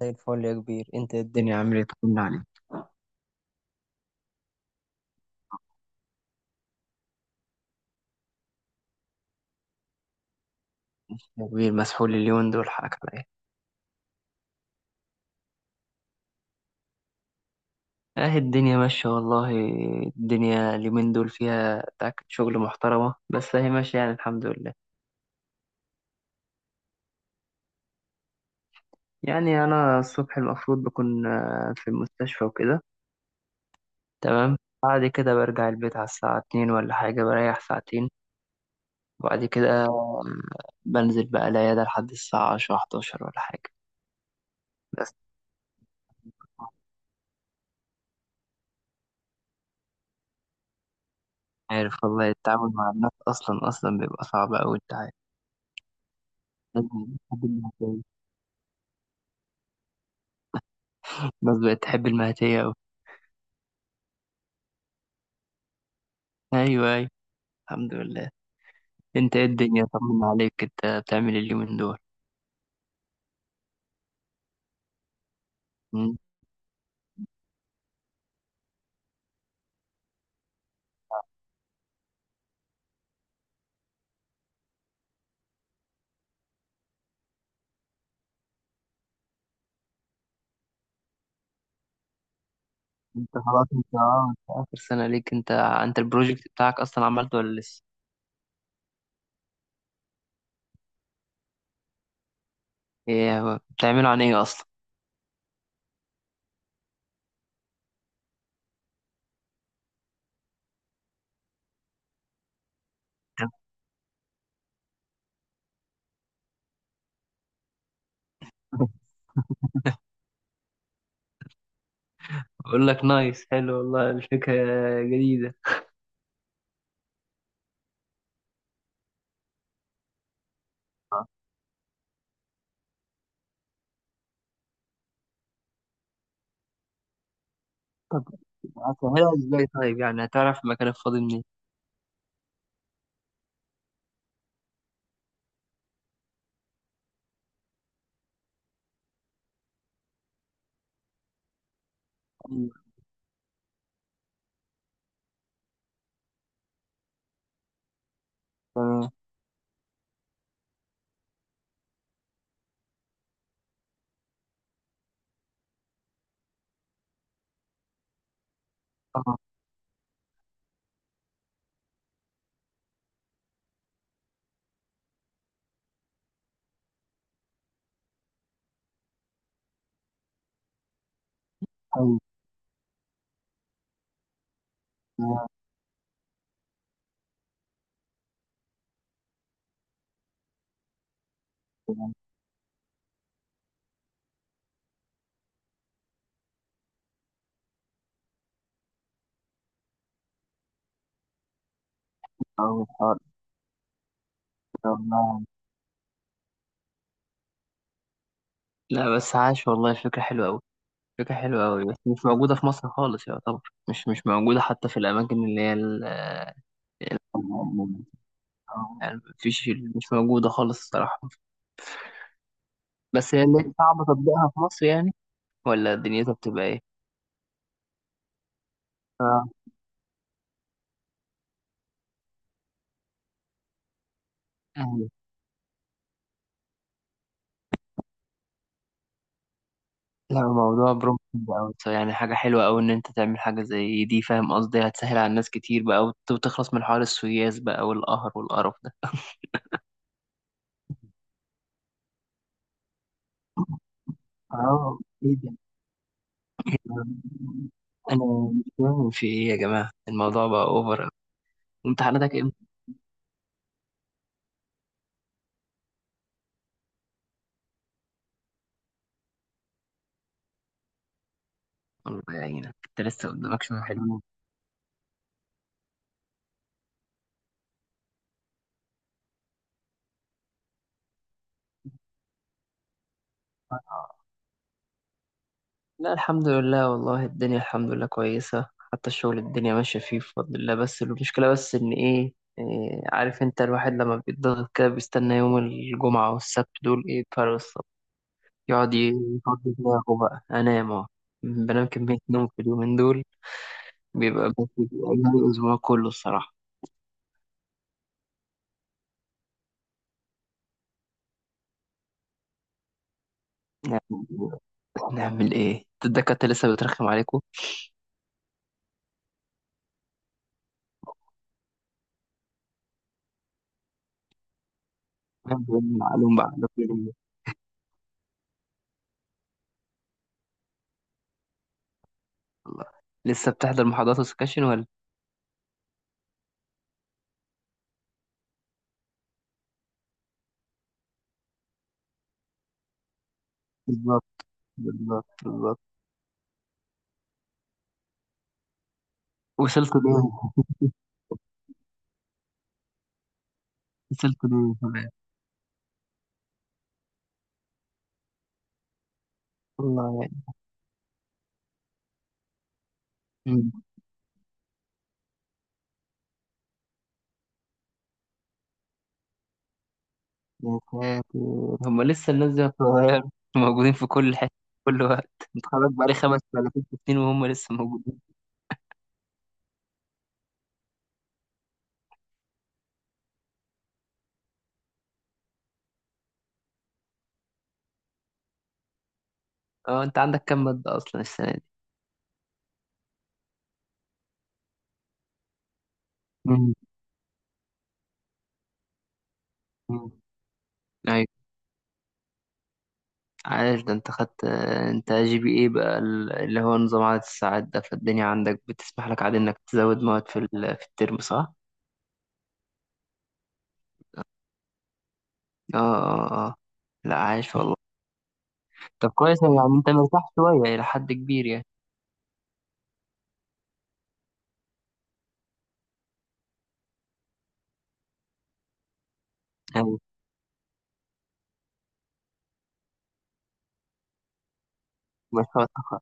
زي الفل يا كبير، انت الدنيا عامل ايه؟ طمنا عليك. يا كبير، مسحول اليومين دول، حقك عليا. اه، الدنيا ماشية والله. الدنيا اليومين دول فيها تاكد، شغل محترمة بس اهي ماشية، يعني الحمد لله. يعني انا الصبح المفروض بكون في المستشفى وكده. تمام. بعد كده برجع البيت على الساعة 2 ولا حاجة، بريح ساعتين. وبعد كده بنزل بقى العيادة لحد الساعة 10 11 ولا حاجة. بس عارف والله، التعامل مع الناس أصلا أصلا بيبقى صعب أوي، انت عارف. الناس بتحب المهدية. الناس بقت تحب المهدية أوي. أيوه، أيوه. الحمد لله. أنت إيه الدنيا؟ طمنا عليك. أنت بتعمل إيه اليومين دول؟ مم. أنت خلاص أنت آه أنت آخر سنة ليك، أنت البروجكت بتاعك أصلا عملته ولا لسه؟ إيه هو بتعمله عن إيه أصلا؟ بقول لك، نايس، حلو والله، الفكرة جديدة. طب هتعملها إزاي؟ طيب يعني هتعرف المكان الفاضي منين؟ أيوه. تمام. آه، أيوه. أول حوار. ده والله. لا بس عاش والله، الفكرة حلوة أوي. فكرة حلوة أوي، بس مش موجودة في مصر خالص يعتبر. مش موجودة حتى في الأماكن اللي هي يعني مفيش، مش موجودة خالص الصراحة. بس هي اللي صعب تطبيقها في مصر يعني، ولا دنيتها بتبقى إيه؟ آه. أهلا. لا، الموضوع بروم أوي، يعني حاجة حلوة أوي إن أنت تعمل حاجة زي دي، فاهم قصدي، هتسهل على الناس كتير بقى وتخلص من حوار السوياس بقى والقهر والقرف ده. اه. ايه ده؟ انا مش فاهم في ايه يا جماعه، الموضوع بقى اوفر. امتحاناتك؟ الله يعينك، انت لسه قدامك شوية حلوين. آه. لا الحمد لله والله، الدنيا الحمد لله كويسة. حتى الشغل الدنيا ماشية فيه بفضل الله، بس المشكلة بس إن إيه، عارف أنت، الواحد لما بيتضغط كده بيستنى يوم الجمعة والسبت دول إيه بفارغ الصبر. يقعد يفضي دماغه بقى، أنام، أه. بنام كمية نوم في اليومين دول. بيبقى يوم الأسبوع كله الصراحة. نعمل إيه؟ نعمل إيه؟ الدكاترة لسه بترخم عليكم؟ بنعمل عليهم بقى. الله. لسه بتحضر محاضرات وسكاشن ولا؟ بالظبط، بالظبط، بالظبط. وصلت ليه. وصلت ليه كمان. والله يعني. مم. يا ساتر. هم لسه، الناس دي صغير. موجودين في كل حتة. في كل وقت، متخرج بقالي 5 ولا 6 سنين وهم لسه موجودين. اه، انت عندك كام مادة اصلا السنة دي؟ مم. مم. أيوة. عايش، ده انت خدت. انت GPA بقى، اللي هو نظام عدد الساعات ده، فالدنيا عندك بتسمح لك عادي انك تزود مواد في في الترم، صح؟ اه، اه، اه. لا، عايش والله. طب كويس، يعني انت مرتاح شوية إلى حد كبير يعني. يعني مشروع التخرج.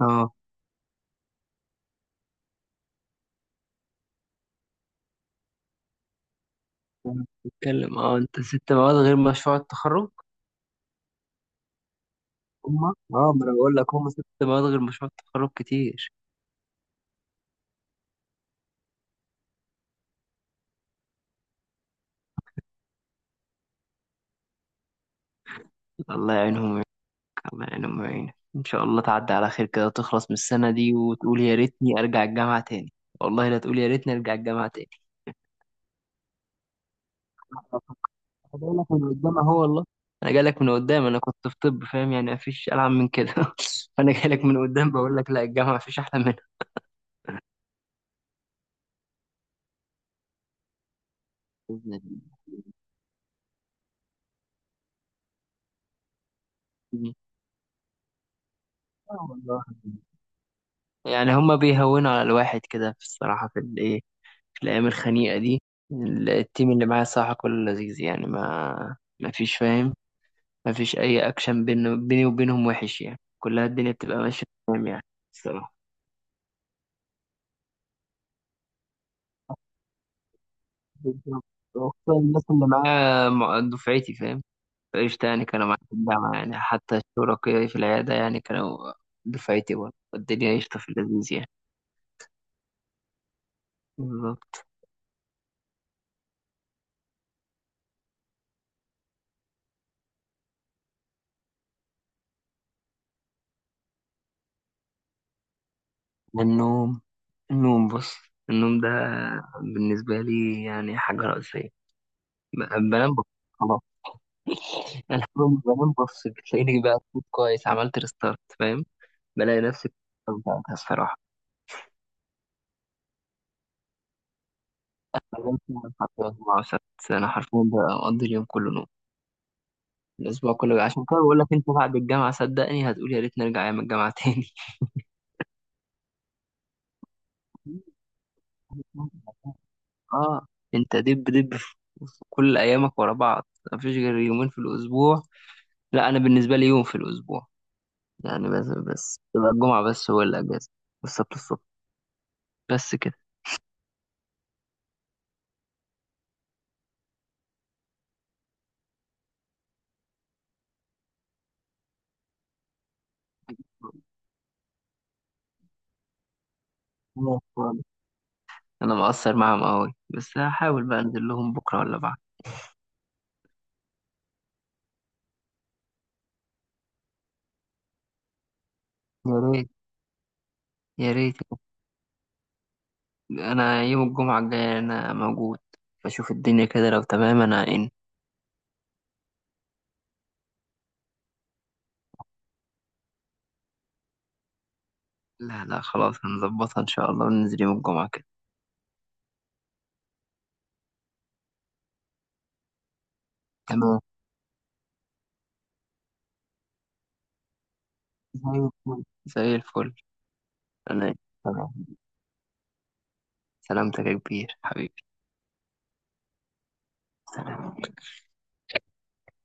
اه، أنا بتتكلم اه انت 6 مواد غير مشروع التخرج. هما. اه ما انا بقول لك، هما 6 مواد غير مشروع التخرج كتير. الله يعينهم ويعينك. الله يعينهم ويعينك، ان شاء الله تعدي على خير كده وتخلص من السنة دي وتقول يا ريتني ارجع الجامعة تاني. والله، لا تقول يا ريتني ارجع الجامعة تاني. أنا جاي لك من قدام اهو والله. انا جاي لك من قدام، انا كنت في طب فاهم يعني، مفيش العن من كده. فانا جاي لك من قدام بقول لك، لا الجامعة مفيش احلى منها. بإذن الله. مم. آه والله، يعني هما بيهونوا على الواحد كده، في الصراحة، في الإيه. في الأيام الخنيقة دي. التيم اللي معايا صراحة كله لذيذ يعني، ما ما فيش فاهم. ما فيش أي أكشن بين بيني وبينهم وحش، يعني كلها الدنيا بتبقى ماشية تمام يعني. الصراحة. بالظبط. وخصوصا الناس اللي معايا دفعتي فاهم. فقشطة، يعني كانوا معايا في الجامعة، يعني حتى شركائي في العيادة يعني كانوا. دفعتي برضه، الدنيا قشطة في اللذيذ يعني. بالظبط. والنوم. النوم بص. النوم ده بالنسبة لي يعني حاجة رئيسية. بنام بص. خلاص. أنا لما بنام بص، بتلاقيني بقى فوت كويس، عملت ريستارت فاهم. بلاقي نفسي بقى الصراحة. بنام فعلاً حتى 4 و6، أنا حرفيا بقضي اليوم كله نوم. الأسبوع كله، عشان كده بقول لك، أنت بعد الجامعة صدقني هتقول يا ريت نرجع أيام الجامعة تاني. اه. انت دب دب في كل ايامك ورا بعض. مفيش غير يومين في الاسبوع. لا، انا بالنسبه لي يوم في الاسبوع يعني، بس. بس تبقى الجمعة بس هو الأجازة. والسبت الصبح. بس كده. خلاص خالص. أنا مقصر معاهم أوي، بس هحاول بقى أنزل لهم بكرة ولا بعد. يا ريت، يا ريت. أنا يوم الجمعة الجاية أنا موجود. بشوف الدنيا كده، لو تمام أنا إن. لا، لا، خلاص هنظبطها إن شاء الله وننزل يوم الجمعة كده. تمام. تمام. زي الفل، زي الفل. أنا. تمام. سلامتك يا كبير حبيبي. سلام.